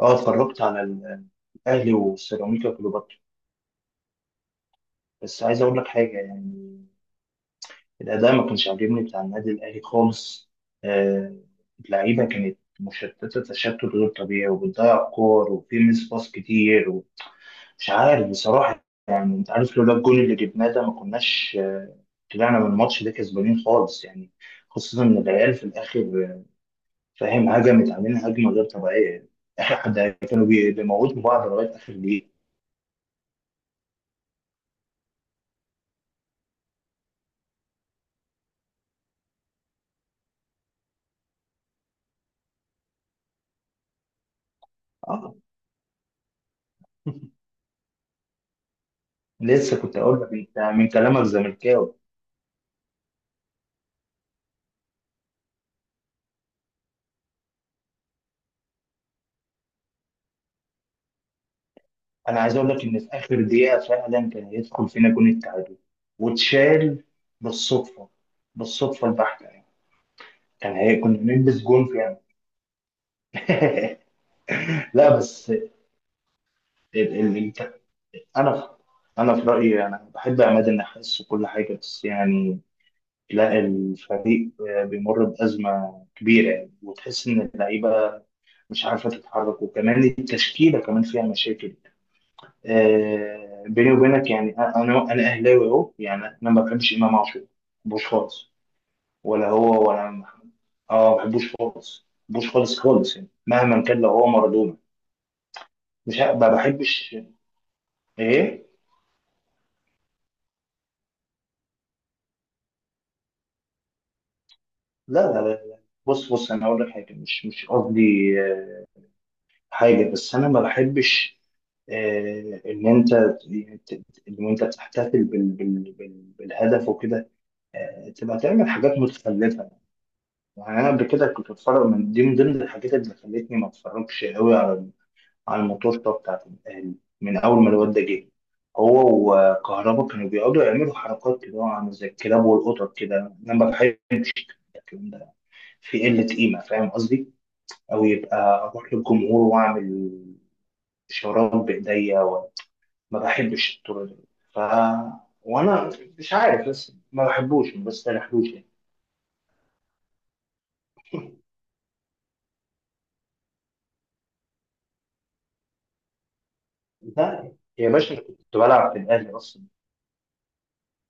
اه اتفرجت على الاهلي وسيراميكا كليوباترا. بس عايز اقول لك حاجه يعني الاداء ما كانش عاجبني بتاع النادي الاهلي خالص. آه، اللعيبه كانت مشتته، تشتت غير طبيعي، وبتضيع كور وفي ميس باص كتير ومش عارف بصراحه. يعني انت عارف لولا الجول اللي جبناه ده ما كناش، آه، طلعنا من الماتش ده كسبانين خالص يعني. خصوصا ان العيال في الاخر، آه، فاهم، هجمت علينا هجمه غير طبيعيه. اخر حد كانوا بيموتوا بعض لغايه اخر دقيقه. اه. لسه كنت اقول لك انت من كلامك زملكاوي. انا عايز اقول لك ان في اخر دقيقه فعلا كان هيدخل فينا جون التعادل واتشال بالصدفه، بالصدفه البحته يعني. كان هي كنا بنلبس جون فعلا. لا بس ال الت- انا في انا في رايي، انا بحب عماد النحاس وكل حاجه، بس يعني لا، الفريق بيمر بازمه كبيره يعني، وتحس ان اللعيبه مش عارفه تتحرك، وكمان التشكيله كمان فيها مشاكل. آه، بيني وبينك يعني انا اهلاوي اهو، يعني انا ما بحبش امام عاشور، ما بحبوش خالص، ولا هو ولا أنا. اه ما بحبوش خالص، ما بحبوش خالص خالص، يعني مهما كان لو هو مارادونا مش ه- ما بحبش. ايه لا لا لا لا. بص بص، انا اقول لك حاجه، مش قصدي، آه، حاجه، بس انا ما بحبش، آه، ان انت بتحتفل بالهدف وكده، آه، تبقى تعمل حاجات متخلفه. يعني انا قبل كده كنت بتفرج من دي، من ضمن الحاجات اللي خلتني ما اتفرجش قوي على الماتشات بتاعت الاهلي. من اول ما الواد ده جه هو وكهربا كانوا بيقعدوا يعملوا حركات كده، عامل زي الكلاب والقطط كده. انا ما بحبش الكلام ده، في قله قيمه، فاهم قصدي؟ او يبقى اروح للجمهور واعمل اشارات بايديا و-، ما بحبش الطرق دي. ف وانا مش عارف، بس ما بحبوش، ما بستريحلوش يعني. لا يا باشا، كنت بلعب في الاهلي اصلا.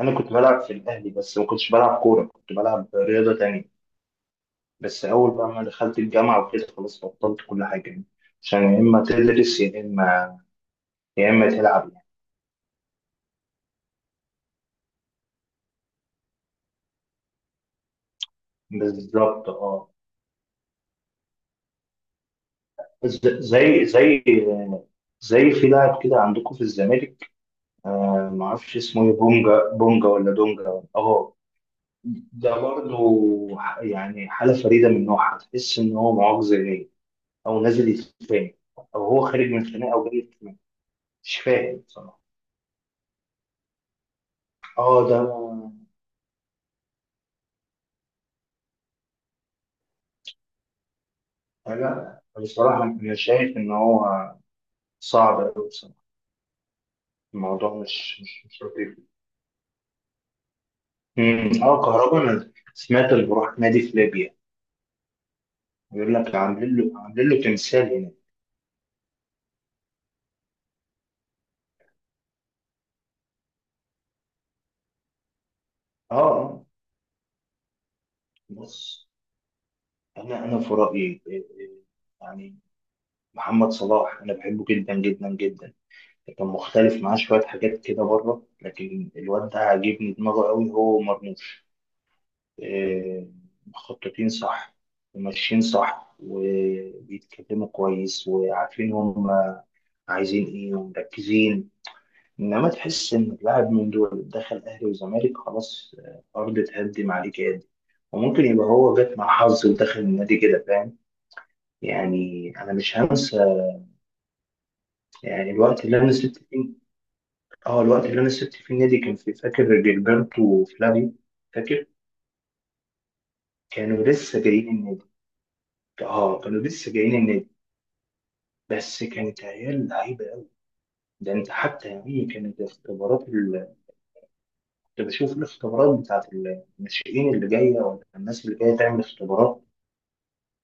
انا كنت بلعب في الاهلي، بس ما كنتش بلعب كوره، كنت بلعب رياضه تانية. بس اول بقى ما دخلت الجامعه وكده خلاص بطلت كل حاجه يعني، عشان يا اما تدرس يا اما، يا اما تلعب يعني. بالظبط اه. زي زي في لاعب كده عندكم في الزمالك، آه، ما اعرفش اسمه ايه، بونجا بونجا، ولا دونجا؟ اه ده برضه يعني حاله فريده من نوعها، تحس ان هو معاق، زي او نازل يتخانق، او هو خارج من خناقه او جاي يتخانق، مش فاهم بصراحه. اه ده لا بصراحة أنا شايف إن هو صعب أوي بصراحة، الموضوع مش لطيف. أمم، اه كهربا أنا سمعت اللي بروح نادي في ليبيا، بيقول لك عاملين له، عاملين له تمثال هنا. اه آه. بص، أنا في رأيي إيه، إيه، يعني محمد صلاح أنا بحبه جدا جدا جدا، كان مختلف معاه شوية حاجات كده بره، لكن الواد ده عاجبني دماغه أوي، هو مرموش، آه، مخططين صح وماشيين صح، وبيتكلموا كويس، وعارفين هم عايزين ايه، ومركزين. انما تحس ان اللاعب من دول دخل اهلي وزمالك خلاص، آه، الارض تهدم عليه كده، وممكن يبقى هو جت مع حظ ودخل النادي كده، فاهم يعني. انا مش هنسى يعني الوقت اللي انا سبت فيه، اه الوقت اللي انا سبت فيه النادي، كان في، فاكر جilberto وفلافيو؟ فاكر كانوا لسه جايين النادي. اه كانوا لسه جايين النادي، بس كانت عيال لعيبه قوي. ده انت حتى يعني كانت الاختبارات اللي كنت بشوف الاختبارات بتاعت الناشئين اللي جايه، ولا الناس اللي جايه تعمل اختبارات،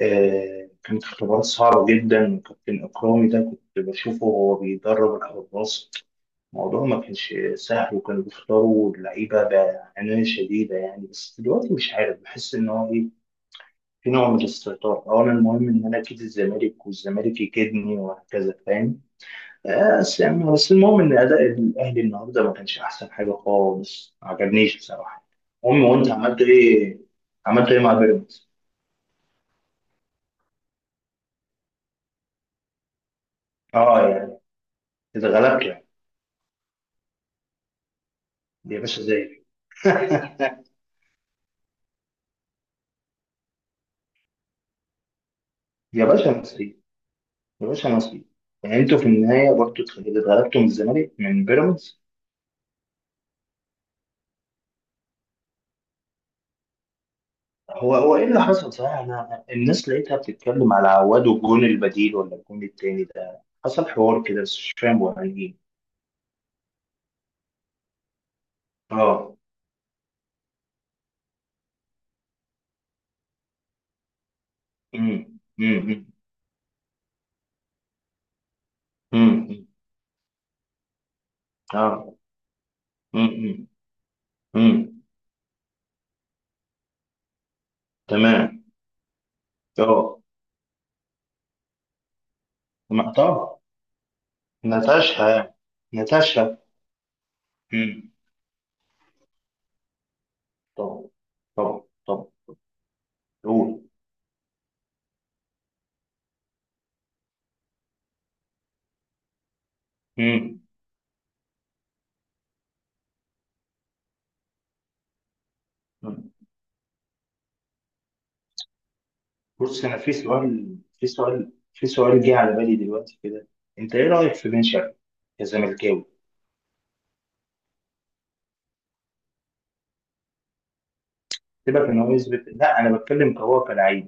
آه، كانت اختبارات صعبه جدا. كابتن اكرامي ده كنت بشوفه وهو بيدرب الحراس، الموضوع ما كانش سهل، وكانوا بيختاروا اللعيبه بعنايه شديده يعني. بس دلوقتي مش عارف، بحس ان هو ايه، في نوع من الاستهتار، او انا المهم ان انا اكيد الزمالك والزمالك يكيدني وهكذا، فاهم؟ بس يعني، بس المهم ان اداء الاهلي النهارده ما كانش احسن حاجه خالص، ما عجبنيش بصراحه. المهم، وانت عملت ايه؟ عملت ايه مع بيراميدز؟ اه يعني اذا غلبت يعني. يا باشا زي. يا باشا نصيب، يا باشا نصيب، يعني انتوا في النهايه برضه اتغلبتوا من الزمالك، من بيراميدز. هو هو ايه اللي حصل صحيح؟ انا الناس لقيتها بتتكلم على عواد والجون البديل، ولا الجون التاني ده حصل حوار كده، بس مش فاهم هو عن ايه. اه. امم امم اه امم امم تمام اه. طبعا ناتاشا يعني. ناتاشا. امم. طبعا طبعا طبعا. قول. امم. أمم. بص، انا في سؤال، في سؤال جه على بالي دلوقتي كده، انت ايه رايك في بن شرقي كزملكاوي؟ سيبك ان هو يثبت، لا انا بتكلم كهو كلاعب.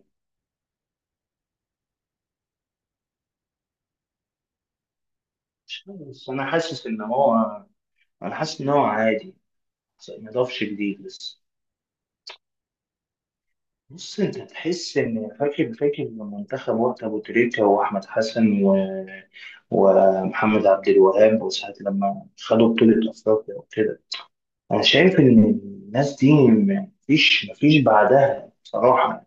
مش عارف، بس انا حاسس ان هو، انا حاسس ان هو عادي، ما ضافش جديد لسه. بص، انت تحس ان، فاكر فاكر منتخب وقت ابو تريكه واحمد حسن و... ومحمد عبد الوهاب وساعه لما خدوا بطوله افريقيا وكده؟ انا شايف ان الناس دي مفيش بعدها بصراحه.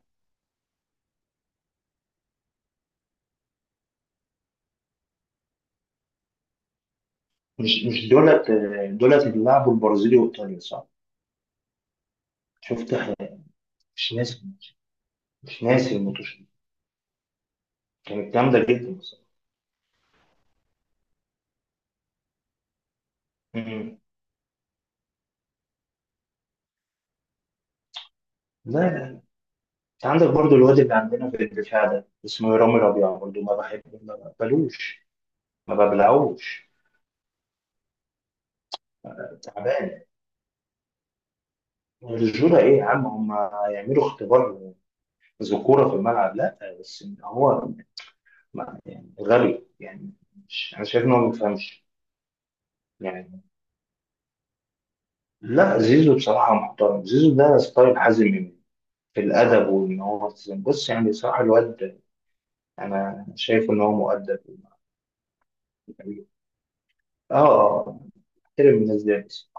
مش دولت، دولت اللي لعبوا البرازيل وايطاليا صح؟ شفت حاجة. مش ناسي، مش ناسي الماتش ده. كانت جامده جدا بصراحه. مم. لا لا، انت عندك برضو الواد اللي عندنا في الدفاع ده اسمه رامي ربيعه، برضو ما بحبه، ما بقبلوش، ما ببلعوش، تعبان. الرجولة إيه يا عم؟ هم يعملوا اختبار ذكورة في الملعب؟ لا بس إن هو، يعني غبي يعني، مش، أنا شايف إن هو ما بيفهمش يعني. لا زيزو بصراحة محترم، زيزو ده ستايل حازم إمام في الأدب، وإن هو التزام. بص يعني بصراحة الواد أنا شايف إن هو مؤدب وجميل. آه آه احترم الناس دي بس.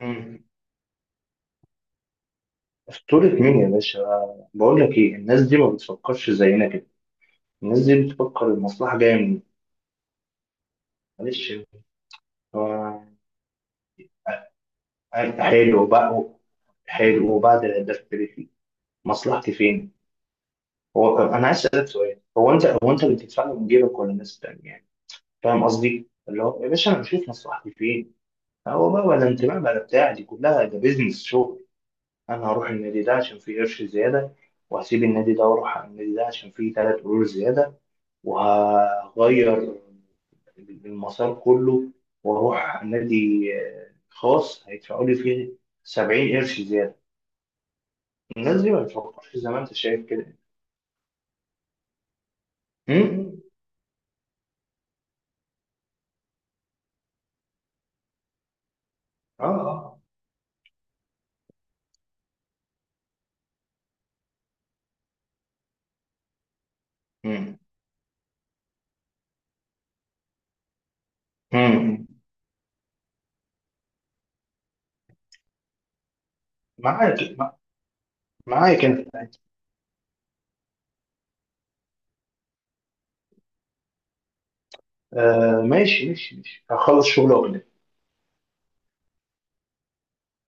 مم. أسطورة مين يا باشا؟ بقول لك إيه، الناس دي ما بتفكرش زينا كده، الناس دي بتفكر المصلحة جاية منين. معلش. هو حلو بقى، حلو، وبعد الهداف التاريخي مصلحتي فين؟ هو انا عايز اسالك سؤال، هو انت اللي بتدفع له من جيبك ولا الناس التانية يعني؟ فاهم قصدي؟ اللي هو يا باشا انا بشوف مصلحتي فين. هو بقى ولا انتماء ولا بتاع، دي كلها ده بيزنس شغل. انا هروح النادي ده عشان فيه قرش زياده، وهسيب النادي ده واروح على النادي ده عشان فيه ثلاث قرور زياده، وهغير المسار كله، واروح نادي خاص هيدفعوا لي فيه 70 قرش زياده. الناس دي ما بتفكرش زي ما انت شايف كده. امم. اه آه. امم امم. معاك مع- معاك انت. آه ماشي ماشي ماشي، هخلص شغل واكلمك.